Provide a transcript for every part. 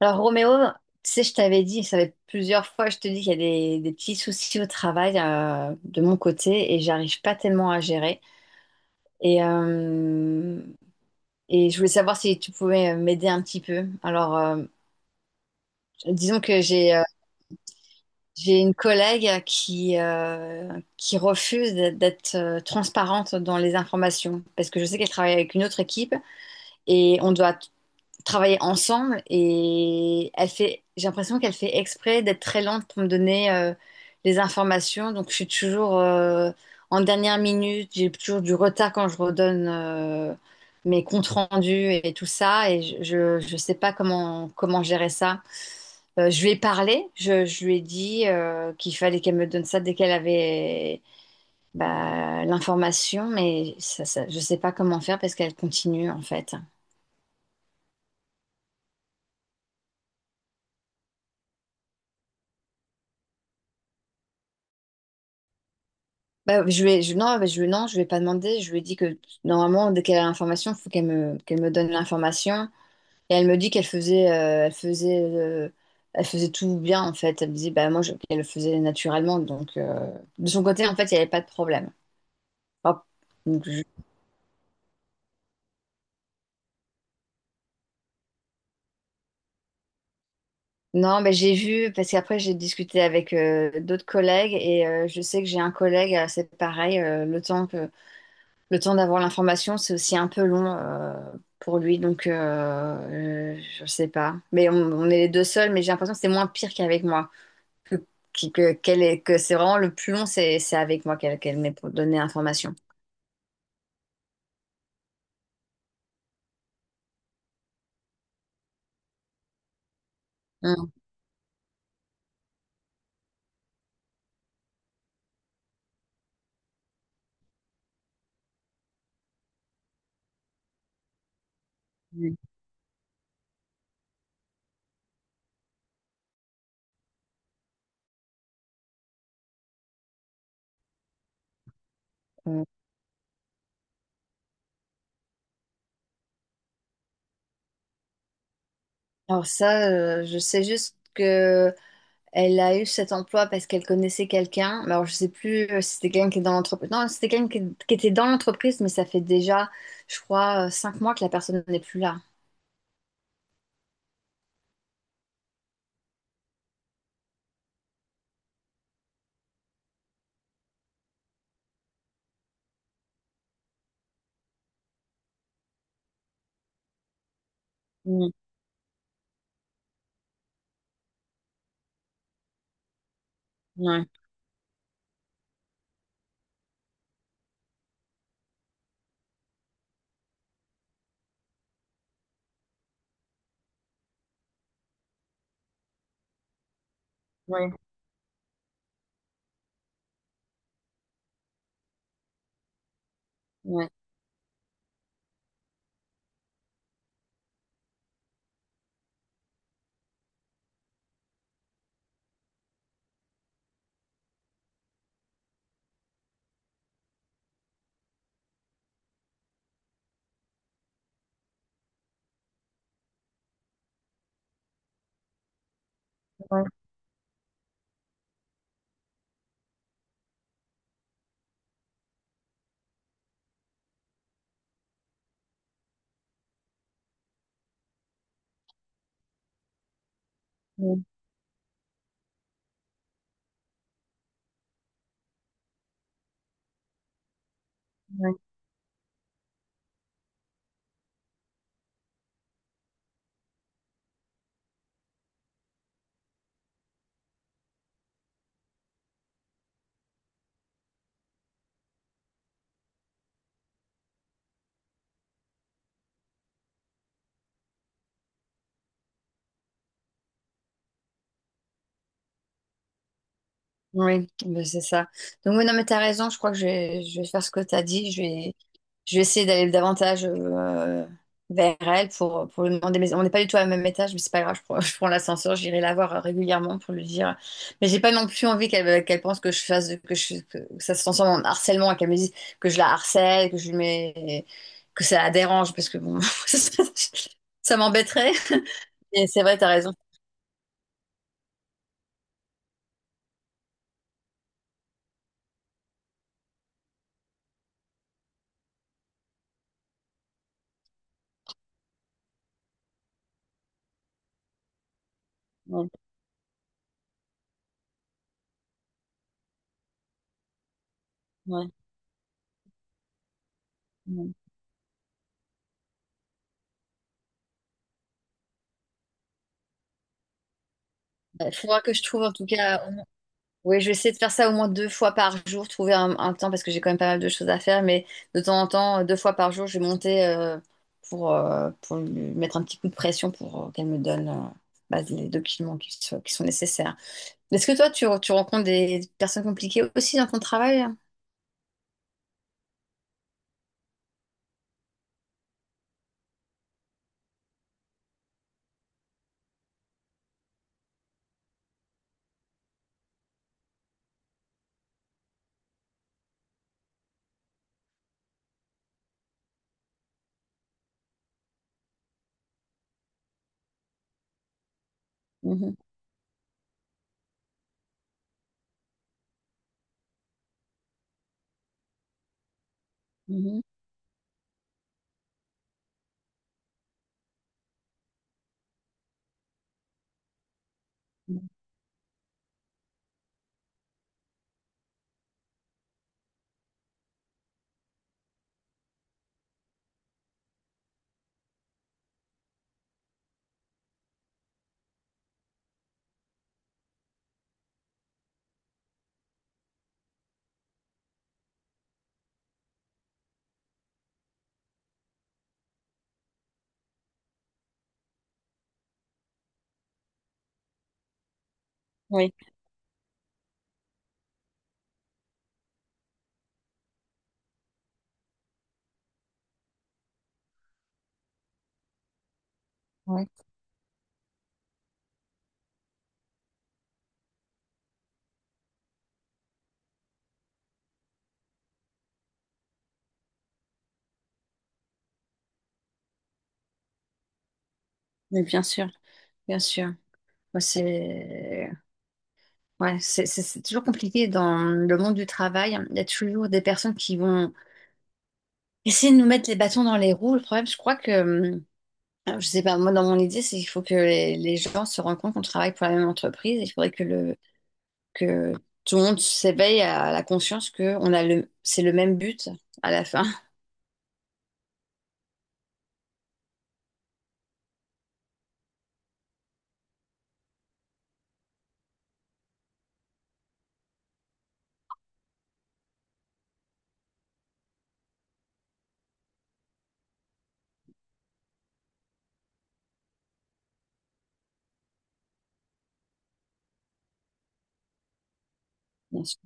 Alors Roméo, tu sais, je t'avais dit, ça fait plusieurs fois, je te dis qu'il y a des petits soucis au travail de mon côté et j'arrive pas tellement à gérer. Et, euh, et je voulais savoir si tu pouvais m'aider un petit peu. Disons que j'ai une collègue qui refuse d'être transparente dans les informations parce que je sais qu'elle travaille avec une autre équipe et on doit travailler ensemble et elle fait, j'ai l'impression qu'elle fait exprès d'être très lente pour me donner les informations. Donc je suis toujours en dernière minute, j'ai toujours du retard quand je redonne mes comptes rendus et tout ça et je sais pas comment gérer ça. Je lui ai parlé, je lui ai dit qu'il fallait qu'elle me donne ça dès qu'elle avait l'information, mais ça, je sais pas comment faire parce qu'elle continue en fait. Bah, je vais, je, non, bah, je, lui- non, je vais pas demander. Je lui ai dit que normalement, dès qu'elle a l'information, il faut qu'elle me donne l'information. Et elle me dit qu'elle faisait, elle faisait, elle faisait tout bien en fait. Elle me disait, bah moi, qu'elle le faisait naturellement. Donc, de son côté, en fait, il n'y avait pas de problème. Hop. Donc, je- Non, mais j'ai vu parce qu'après j'ai discuté avec d'autres collègues et je sais que j'ai un collègue, c'est pareil. Le temps d'avoir l'information, c'est aussi un peu long pour lui, donc je sais pas. Mais on est les deux seuls, mais j'ai l'impression que c'est moins pire qu'avec moi. Que, qui- que, qu'elle est- que C'est vraiment le plus long, c'est avec moi qu'elle m'est pour donner l'information. Hum. Hum. Alors ça, je sais juste que elle a eu cet emploi parce qu'elle connaissait quelqu'un. Mais alors je sais plus si c'était quelqu'un qui est dans l'entreprise. Non, si c'était quelqu'un qui était dans l'entreprise, mais ça fait déjà, je crois, 5 mois que la personne n'est plus là. Hum. Ouais. Ouais. Ouais. Ouais, ouais, ouais, ouais, ben, c'est ça. Donc, oui, non, mais t'as raison, je crois que je vais faire ce que t'as dit. Je vais essayer d'aller davantage vers elle pour lui demander. Mais on n'est pas du tout à même étage, mais c'est pas grave, je prends l'ascenseur, j'irai la voir régulièrement pour lui dire. Mais j'ai pas non plus envie qu'elle qu'elle pense que je fasse, que ça se transforme en harcèlement et qu'elle me dise que je la harcèle, que je lui mets, que ça la dérange, parce que bon, ça m'embêterait. Et c'est vrai, t'as raison. Ouais, ouais, ouais. Il faudra que je trouve en tout cas. Oui, je vais essayer de faire ça au moins 2 fois par jour, trouver un temps parce que j'ai quand même pas mal de choses à faire, mais de temps en temps, 2 fois par jour, je vais monter pour lui mettre un petit coup de pression pour qu'elle me donne les documents qui sont nécessaires. Est-ce que toi, tu rencontres des personnes compliquées aussi dans ton travail? Mhm, mhm. Oui, oui. Mais bien sûr, bien sûr. Moi, c'est ouais, c'est toujours compliqué dans le monde du travail. Il y a toujours des personnes qui vont essayer de nous mettre les bâtons dans les roues. Le problème, je crois que, alors, je sais pas, moi, dans mon idée, c'est qu'il faut que les gens se rendent compte qu'on travaille pour la même entreprise. Il faudrait que tout le monde s'éveille à la conscience que c'est le même but à la fin. Bien sûr.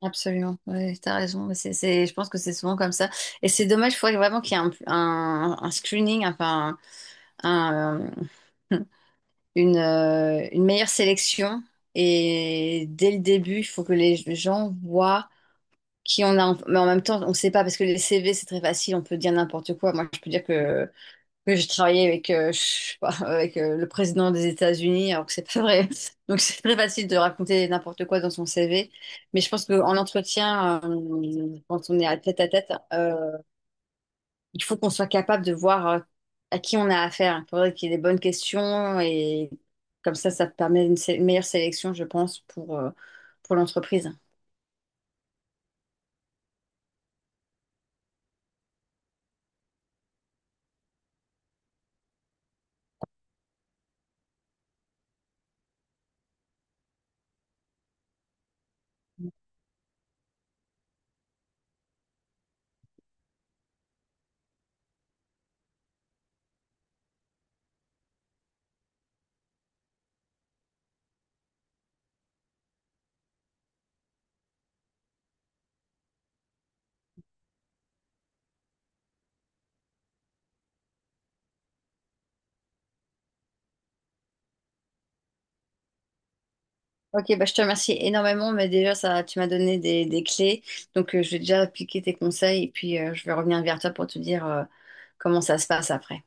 Absolument, ouais, t'as raison. Mais je pense que c'est souvent comme ça. Et c'est dommage, il faudrait vraiment qu'il y ait un screening, enfin, un, un- une meilleure sélection. Et dès le début, il faut que les gens voient qui on a, mais en même temps, on ne sait pas parce que les CV, c'est très facile, on peut dire n'importe quoi. Moi, je peux dire que j'ai travaillé avec, je sais pas, avec le président des États-Unis, alors que c'est pas vrai. Donc, c'est très facile de raconter n'importe quoi dans son CV. Mais je pense qu'en entretien, quand on est à tête, il faut qu'on soit capable de voir à qui on a affaire. Il faudrait qu'il y ait des bonnes questions et comme ça permet une meilleure sélection, je pense, pour l'entreprise. Ok, bah, je te remercie énormément, mais déjà ça, tu m'as donné des clés, donc je vais déjà appliquer tes conseils et puis je vais revenir vers toi pour te dire comment ça se passe après.